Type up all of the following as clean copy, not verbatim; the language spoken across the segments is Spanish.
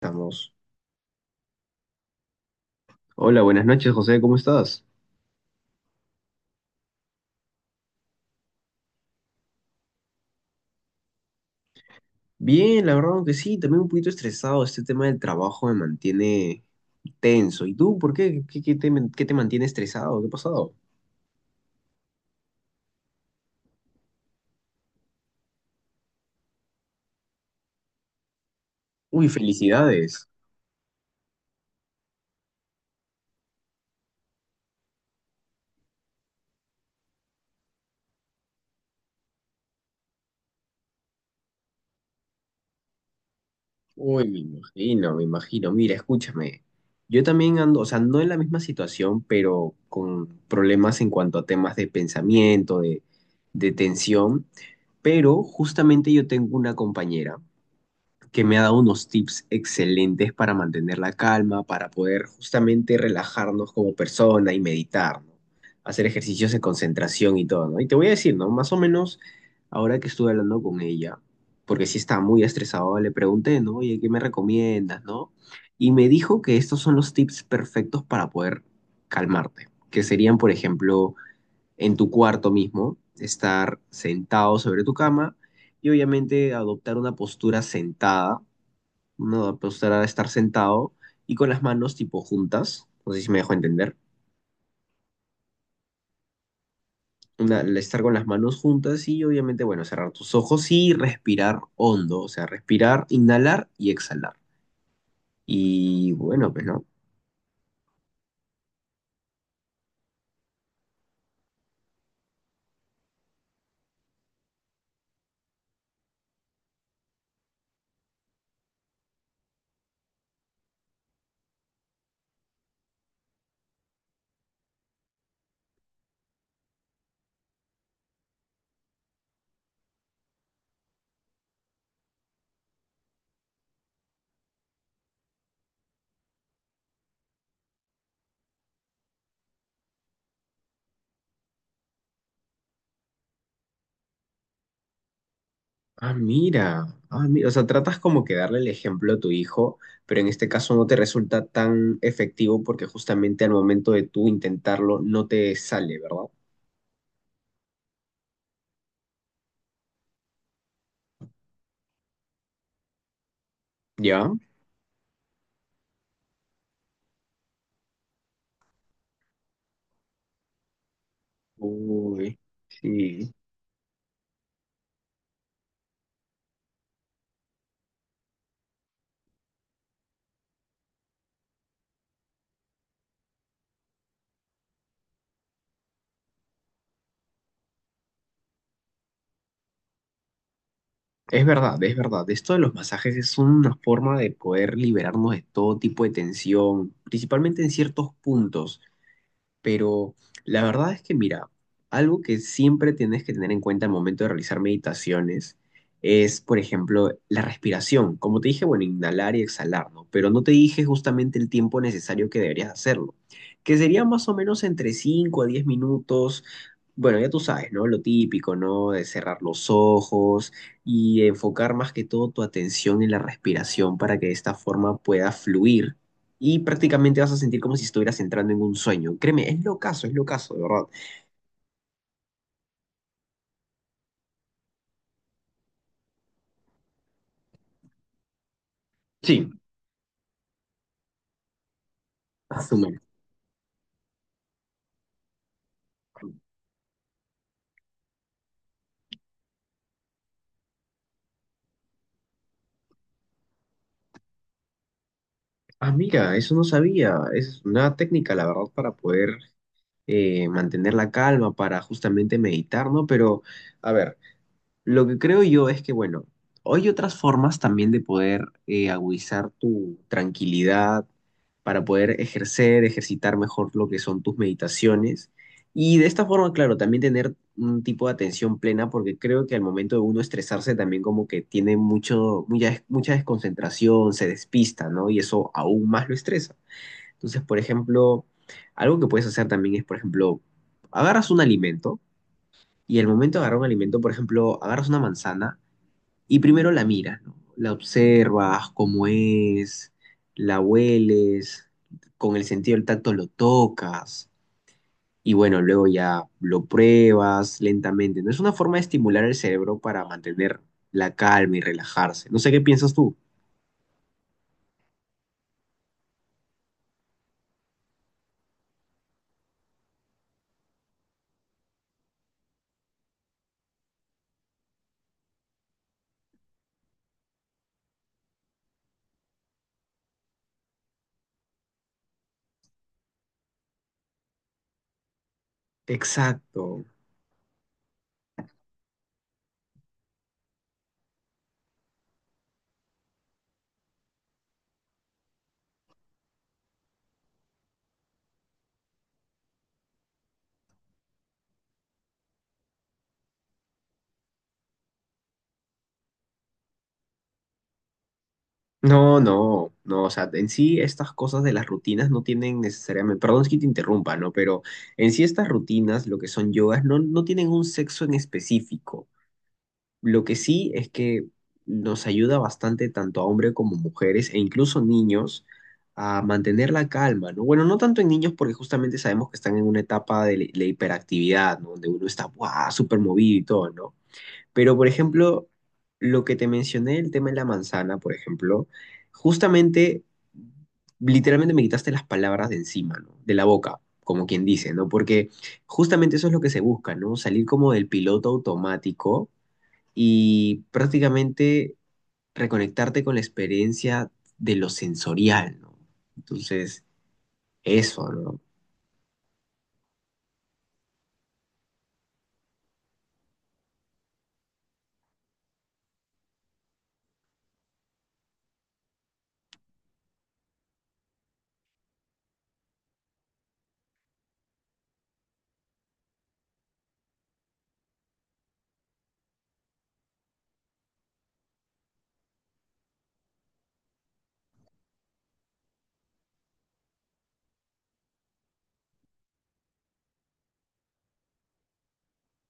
Estamos. Hola, buenas noches, José, ¿cómo estás? Bien, la verdad que sí, también un poquito estresado. Este tema del trabajo me mantiene tenso. ¿Y tú, por qué? ¿Qué te mantiene estresado? ¿Qué ha pasado? Uy, felicidades. Uy, me imagino, me imagino. Mira, escúchame. Yo también ando, o sea, no en la misma situación, pero con problemas en cuanto a temas de pensamiento, de tensión. Pero justamente yo tengo una compañera que me ha dado unos tips excelentes para mantener la calma, para poder justamente relajarnos como persona y meditar, ¿no? Hacer ejercicios de concentración y todo, ¿no? Y te voy a decir, ¿no? Más o menos, ahora que estuve hablando con ella, porque sí estaba muy estresado, le pregunté, ¿no? Oye, ¿qué me recomiendas, no? Y me dijo que estos son los tips perfectos para poder calmarte, que serían, por ejemplo, en tu cuarto mismo, estar sentado sobre tu cama y obviamente adoptar una postura sentada, no, pues era estar sentado y con las manos tipo juntas. No sé si me dejo entender. Estar con las manos juntas y obviamente, bueno, cerrar tus ojos y respirar hondo. O sea, respirar, inhalar y exhalar. Y bueno, pues no. Ah, mira. Ah, mira. O sea, tratas como que darle el ejemplo a tu hijo, pero en este caso no te resulta tan efectivo porque justamente al momento de tú intentarlo no te sale, ¿verdad? ¿Ya? Uy, sí. Es verdad, es verdad. Esto de los masajes es una forma de poder liberarnos de todo tipo de tensión, principalmente en ciertos puntos. Pero la verdad es que, mira, algo que siempre tienes que tener en cuenta al momento de realizar meditaciones es, por ejemplo, la respiración. Como te dije, bueno, inhalar y exhalar, ¿no? Pero no te dije justamente el tiempo necesario que deberías hacerlo, que sería más o menos entre 5 a 10 minutos. Bueno, ya tú sabes, ¿no? Lo típico, ¿no? De cerrar los ojos y enfocar más que todo tu atención en la respiración para que de esta forma pueda fluir y prácticamente vas a sentir como si estuvieras entrando en un sueño. Créeme, es locazo, de verdad. Sí. A su madre. Ah, mira, eso no sabía. Es una técnica, la verdad, para poder mantener la calma, para justamente meditar, ¿no? Pero, a ver. Lo que creo yo es que, bueno, hay otras formas también de poder agudizar tu tranquilidad para poder ejercer, ejercitar mejor lo que son tus meditaciones. Y de esta forma, claro, también tener un tipo de atención plena, porque creo que al momento de uno estresarse también como que tiene mucho, mucha, mucha desconcentración, se despista, ¿no? Y eso aún más lo estresa. Entonces, por ejemplo, algo que puedes hacer también es, por ejemplo, agarras un alimento. Y el momento de agarrar un alimento, por ejemplo, agarras una manzana y primero la miras, ¿no? La observas, cómo es, la hueles, con el sentido del tacto lo tocas y bueno, luego ya lo pruebas lentamente. No es una forma de estimular el cerebro para mantener la calma y relajarse. No sé qué piensas tú. Exacto. No, no, no, o sea, en sí estas cosas de las rutinas no tienen necesariamente, perdón es que te interrumpa, ¿no? Pero en sí estas rutinas, lo que son yogas, no, no tienen un sexo en específico. Lo que sí es que nos ayuda bastante tanto a hombres como mujeres e incluso niños a mantener la calma, ¿no? Bueno, no tanto en niños porque justamente sabemos que están en una etapa de la hiperactividad, ¿no? Donde uno está, ¡buah!, súper movido y todo, ¿no? Pero, por ejemplo, lo que te mencioné, el tema de la manzana, por ejemplo, justamente, literalmente me quitaste las palabras de encima, ¿no? De la boca, como quien dice, ¿no? Porque justamente eso es lo que se busca, ¿no? Salir como del piloto automático y prácticamente reconectarte con la experiencia de lo sensorial, ¿no? Entonces, eso, ¿no?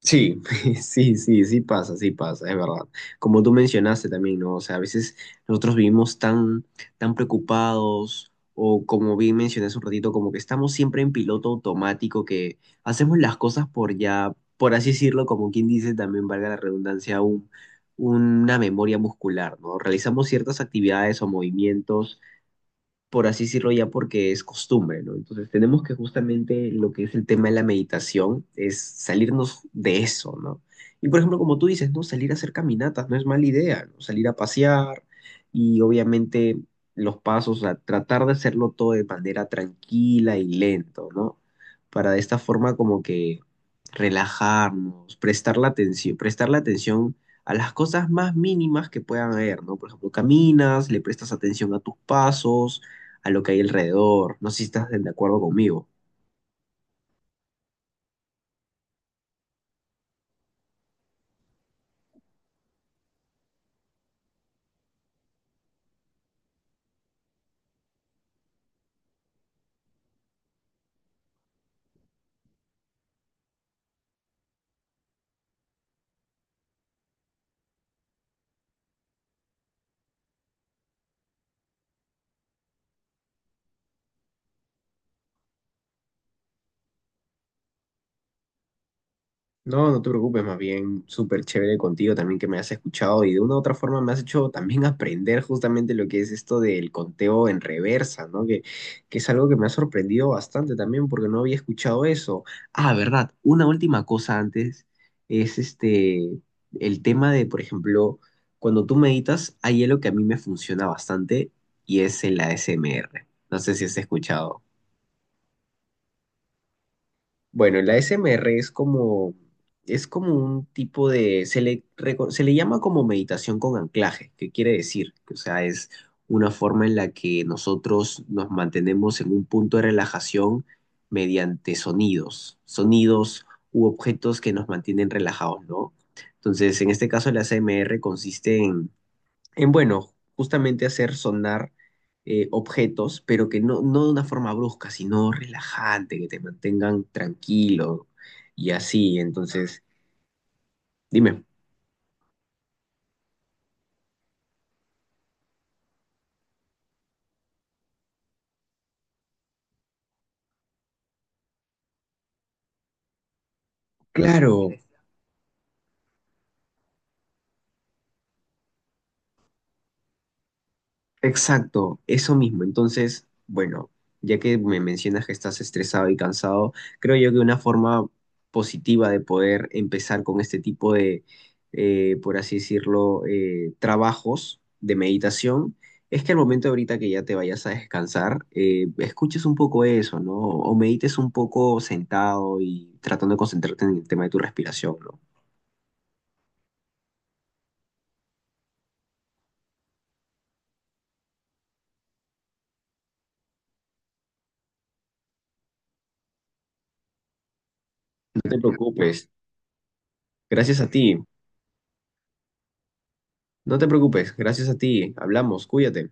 Sí, sí, sí, sí pasa, es verdad. Como tú mencionaste también, ¿no? O sea, a veces nosotros vivimos tan, tan preocupados o como bien mencioné hace un ratito, como que estamos siempre en piloto automático, que hacemos las cosas por ya, por así decirlo, como quien dice también, valga la redundancia, una memoria muscular, ¿no? Realizamos ciertas actividades o movimientos por así decirlo ya, porque es costumbre, ¿no? Entonces tenemos que justamente lo que es el tema de la meditación es salirnos de eso, ¿no? Y por ejemplo, como tú dices, ¿no? Salir a hacer caminatas no es mala idea, ¿no? Salir a pasear y obviamente los pasos, a tratar de hacerlo todo de manera tranquila y lento, ¿no? Para de esta forma como que relajarnos, prestar la atención a las cosas más mínimas que puedan haber, ¿no? Por ejemplo, caminas, le prestas atención a tus pasos, a lo que hay alrededor. No sé si estás de acuerdo conmigo. No, no te preocupes, más bien súper chévere contigo también que me has escuchado y de una u otra forma me has hecho también aprender justamente lo que es esto del conteo en reversa, ¿no? Que es algo que me ha sorprendido bastante también porque no había escuchado eso. Ah, verdad. Una última cosa antes es este, el tema de, por ejemplo, cuando tú meditas, hay algo que a mí me funciona bastante y es el ASMR. No sé si has escuchado. Bueno, la SMR es como un tipo de, reco- se le llama como meditación con anclaje, ¿qué quiere decir? Que, o sea, es una forma en la que nosotros nos mantenemos en un punto de relajación mediante sonidos, sonidos u objetos que nos mantienen relajados, ¿no? Entonces, en este caso, la SMR consiste en bueno, justamente hacer sonar objetos, pero que no, no de una forma brusca, sino relajante, que te mantengan tranquilo y así. Entonces, dime, claro, exacto, eso mismo. Entonces, bueno, ya que me mencionas que estás estresado y cansado, creo yo que una forma positiva de poder empezar con este tipo de, por así decirlo, trabajos de meditación, es que al momento ahorita que ya te vayas a descansar, escuches un poco eso, ¿no? O medites un poco sentado y tratando de concentrarte en el tema de tu respiración, ¿no? No te preocupes, gracias a ti. No te preocupes, gracias a ti. Hablamos, cuídate.